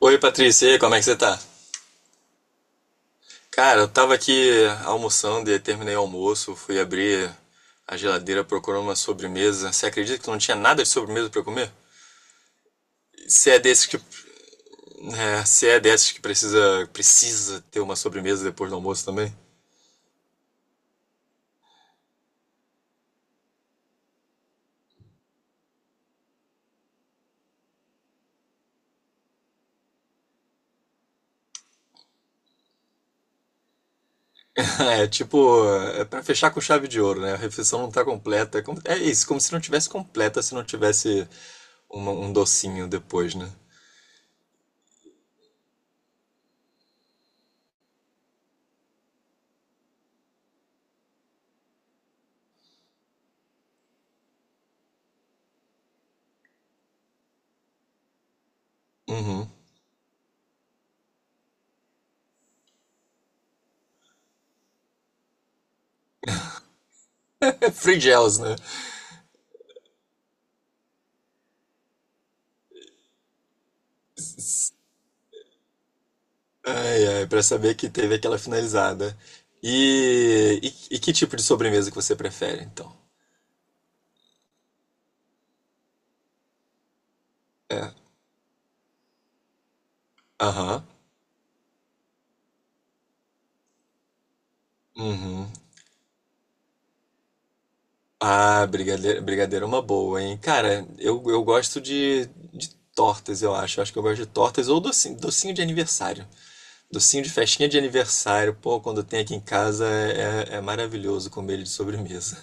Oi, Patrícia, e aí, como é que você tá? Cara, eu tava aqui almoçando e terminei o almoço, fui abrir a geladeira procurando uma sobremesa. Você acredita que não tinha nada de sobremesa pra eu comer? Se é desses que, é, Se é desses que precisa ter uma sobremesa depois do almoço também? É tipo, é pra fechar com chave de ouro, né? A refeição não tá completa. É isso, como se não tivesse completa se não tivesse um docinho depois, né? É free gels, né? Ai, ai, pra saber que teve aquela finalizada. E, e que tipo de sobremesa que você prefere, então? É, aham, uhum. Ah, brigadeiro é uma boa, hein? Cara, eu gosto de tortas, eu acho. Eu acho que eu gosto de tortas ou docinho de aniversário. Docinho de festinha de aniversário, pô, quando tem aqui em casa é maravilhoso comer ele de sobremesa.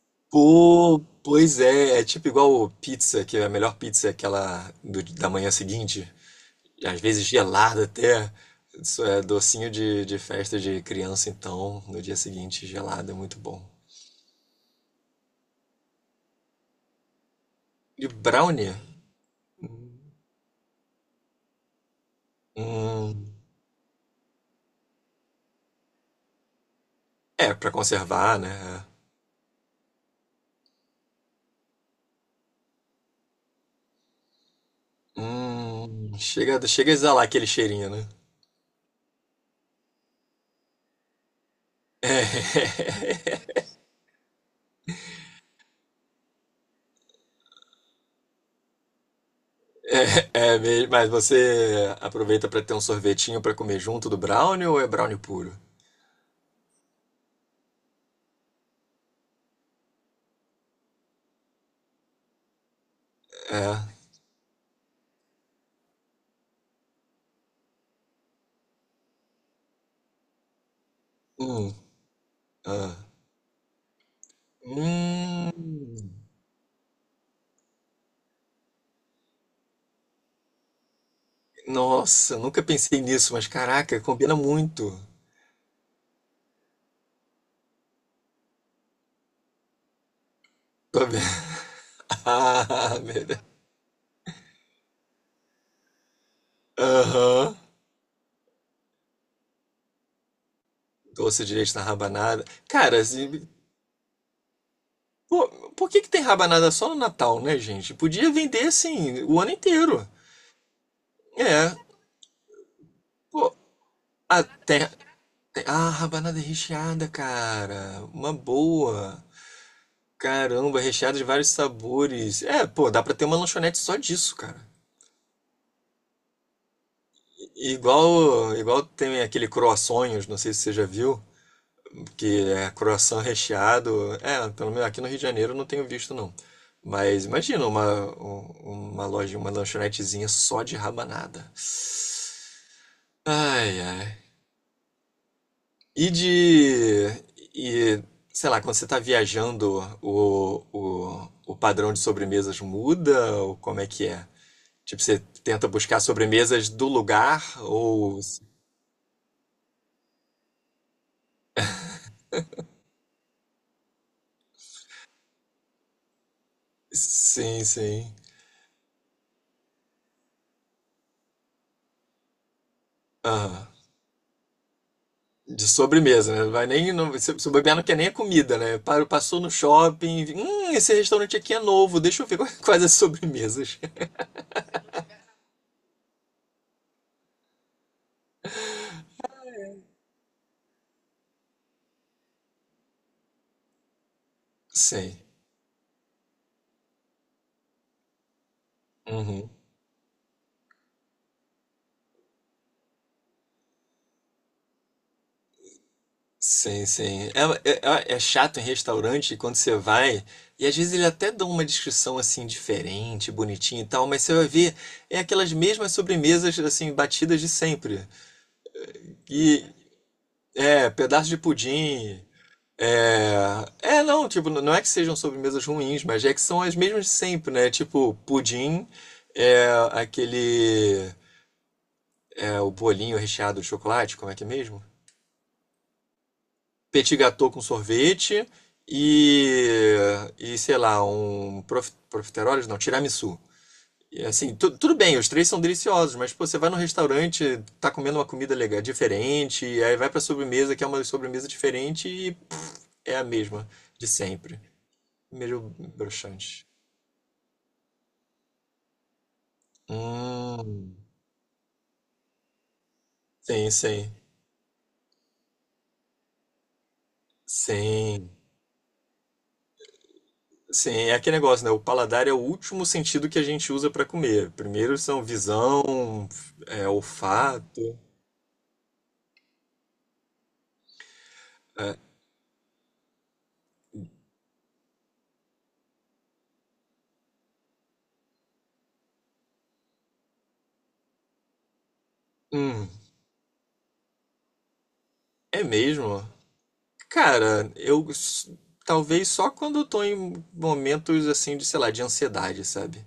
Pô, pois é, é tipo igual pizza, que é a melhor pizza é aquela da manhã seguinte. Às vezes gelada até. Isso é docinho de festa de criança, então, no dia seguinte, gelado é muito bom. E brownie? Hum, é, pra conservar, né? Chega a exalar aquele cheirinho, né? É, é mesmo, mas você aproveita pra ter um sorvetinho pra comer junto do brownie ou é brownie puro? Hum, ah. Hum, nossa, nunca pensei nisso, mas caraca, combina muito. Tô vendo. Ah, aham. Doce de leite na rabanada. Cara, se- pô, por que que tem rabanada só no Natal, né, gente? Podia vender assim o ano inteiro. É. Pô, até. Ah, rabanada recheada, cara. Uma boa. Caramba, recheada de vários sabores. É, pô, dá pra ter uma lanchonete só disso, cara. Igual tem aquele croissonhos, não sei se você já viu. Que é croissant recheado. É, pelo menos aqui no Rio de Janeiro eu não tenho visto não. Mas uma loja, uma lanchonetezinha só de rabanada. Ai, ai. E de. E, sei lá, quando você tá viajando, o padrão de sobremesas muda? Ou como é que é? Tipo, você tenta buscar sobremesas do lugar? Ou. Sim, sim. Aham. De sobremesa, né? Vai nem, não, se bobear não quer nem a comida, né? Passou no shopping, esse restaurante aqui é novo, deixa eu ver quais as sobremesas. Sim. Uhum. Sim, sim. É chato em restaurante quando você vai, e às vezes ele até dá uma descrição assim diferente, bonitinha e tal, mas você vai ver, é aquelas mesmas sobremesas assim, batidas de sempre. E é, pedaço de pudim, não, tipo, não é que sejam sobremesas ruins, mas é que são as mesmas de sempre, né? Tipo, pudim, é aquele, é o bolinho recheado de chocolate, como é que é mesmo? Petit gâteau com sorvete e, e sei lá, profiteroles, não, tiramisu. E assim, tudo bem, os três são deliciosos, mas pô, você vai no restaurante, tá comendo uma comida legal, diferente, e aí vai pra sobremesa, que é uma sobremesa diferente e pff, é a mesma de sempre. Meio broxante. Hum, sim, sim, sim, sim. É aquele negócio, né? O paladar é o último sentido que a gente usa para comer. Primeiro são visão, é, olfato. É, hum, é mesmo? Cara, eu s- talvez só quando eu tô em momentos assim de, sei lá, de ansiedade, sabe?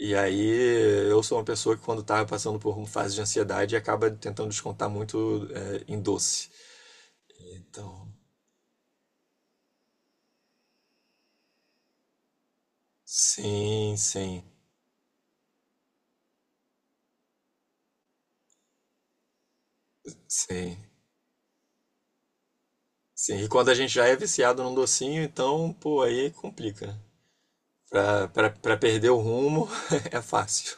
E aí eu sou uma pessoa que quando tá passando por uma fase de ansiedade acaba tentando descontar muito é, em doce. Então, sim, sim, sim. Sim, e quando a gente já é viciado num docinho, então, pô, aí complica. Né? Pra perder o rumo é fácil.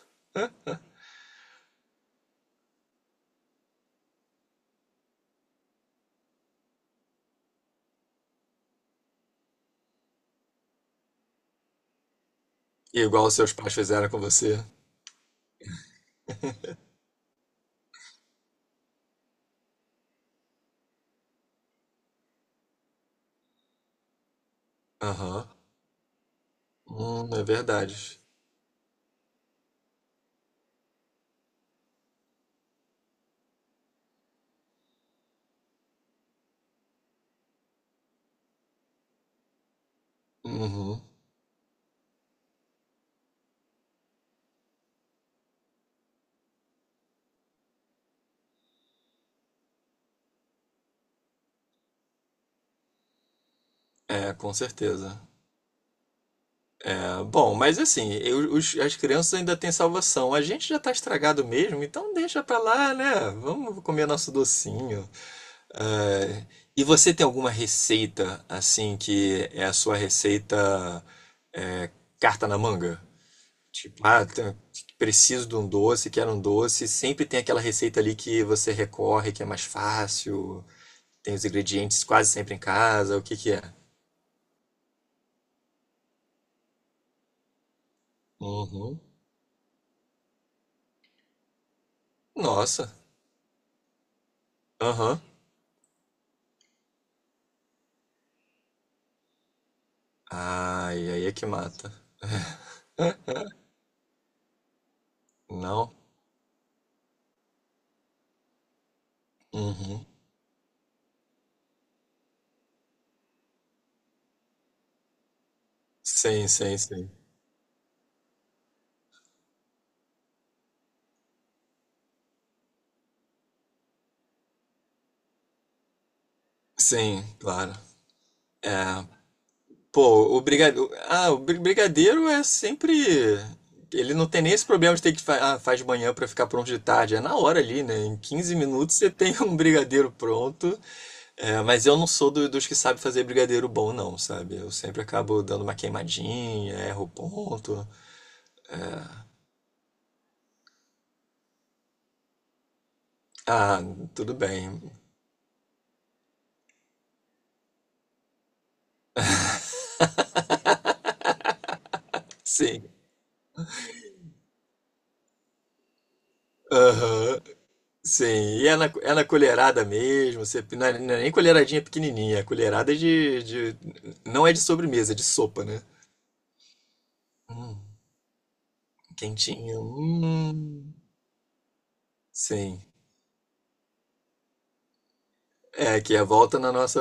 E igual os seus pais fizeram com você. Aham. É verdade. Uhum. É, com certeza. É, bom, mas assim, eu- os- as crianças ainda têm salvação. A gente já tá estragado mesmo, então deixa pra lá, né? Vamos comer nosso docinho. É, e você tem alguma receita, assim, que é a sua receita, é, carta na manga? Tipo, ah, tá- preciso de um doce, quero um doce. Sempre tem aquela receita ali que você recorre, que é mais fácil, tem os ingredientes quase sempre em casa. O que que é? Uhum. Nossa. Aham. Ai, aí é que mata. Não? Uhum. Sim. Sim, claro. É, pô, o brigadeiro. Brigadeiro é sempre. Ele não tem nem esse problema de ter que ah, faz de manhã pra ficar pronto de tarde. É na hora ali, né? Em 15 minutos você tem um brigadeiro pronto. É, mas eu não sou dos que sabe fazer brigadeiro bom, não, sabe? Eu sempre acabo dando uma queimadinha, erro o ponto. Ah, tudo bem. Sim. Aham. Sim. E é na colherada mesmo. Você, não, é, não é nem colheradinha pequenininha. É colherada de, de. Não é de sobremesa, é de sopa, né? Hum, quentinho. Hum. Sim. É, que é volta na nossa.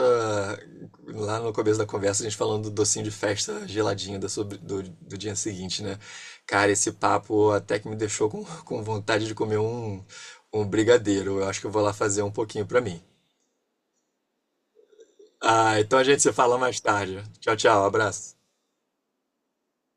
Lá no começo da conversa, a gente falando do docinho de festa geladinho da do dia seguinte, né? Cara, esse papo até que me deixou com, com vontade de comer um brigadeiro. Eu acho que eu vou lá fazer um pouquinho pra mim. Ah, então a gente se fala mais tarde. Tchau, tchau, abraço.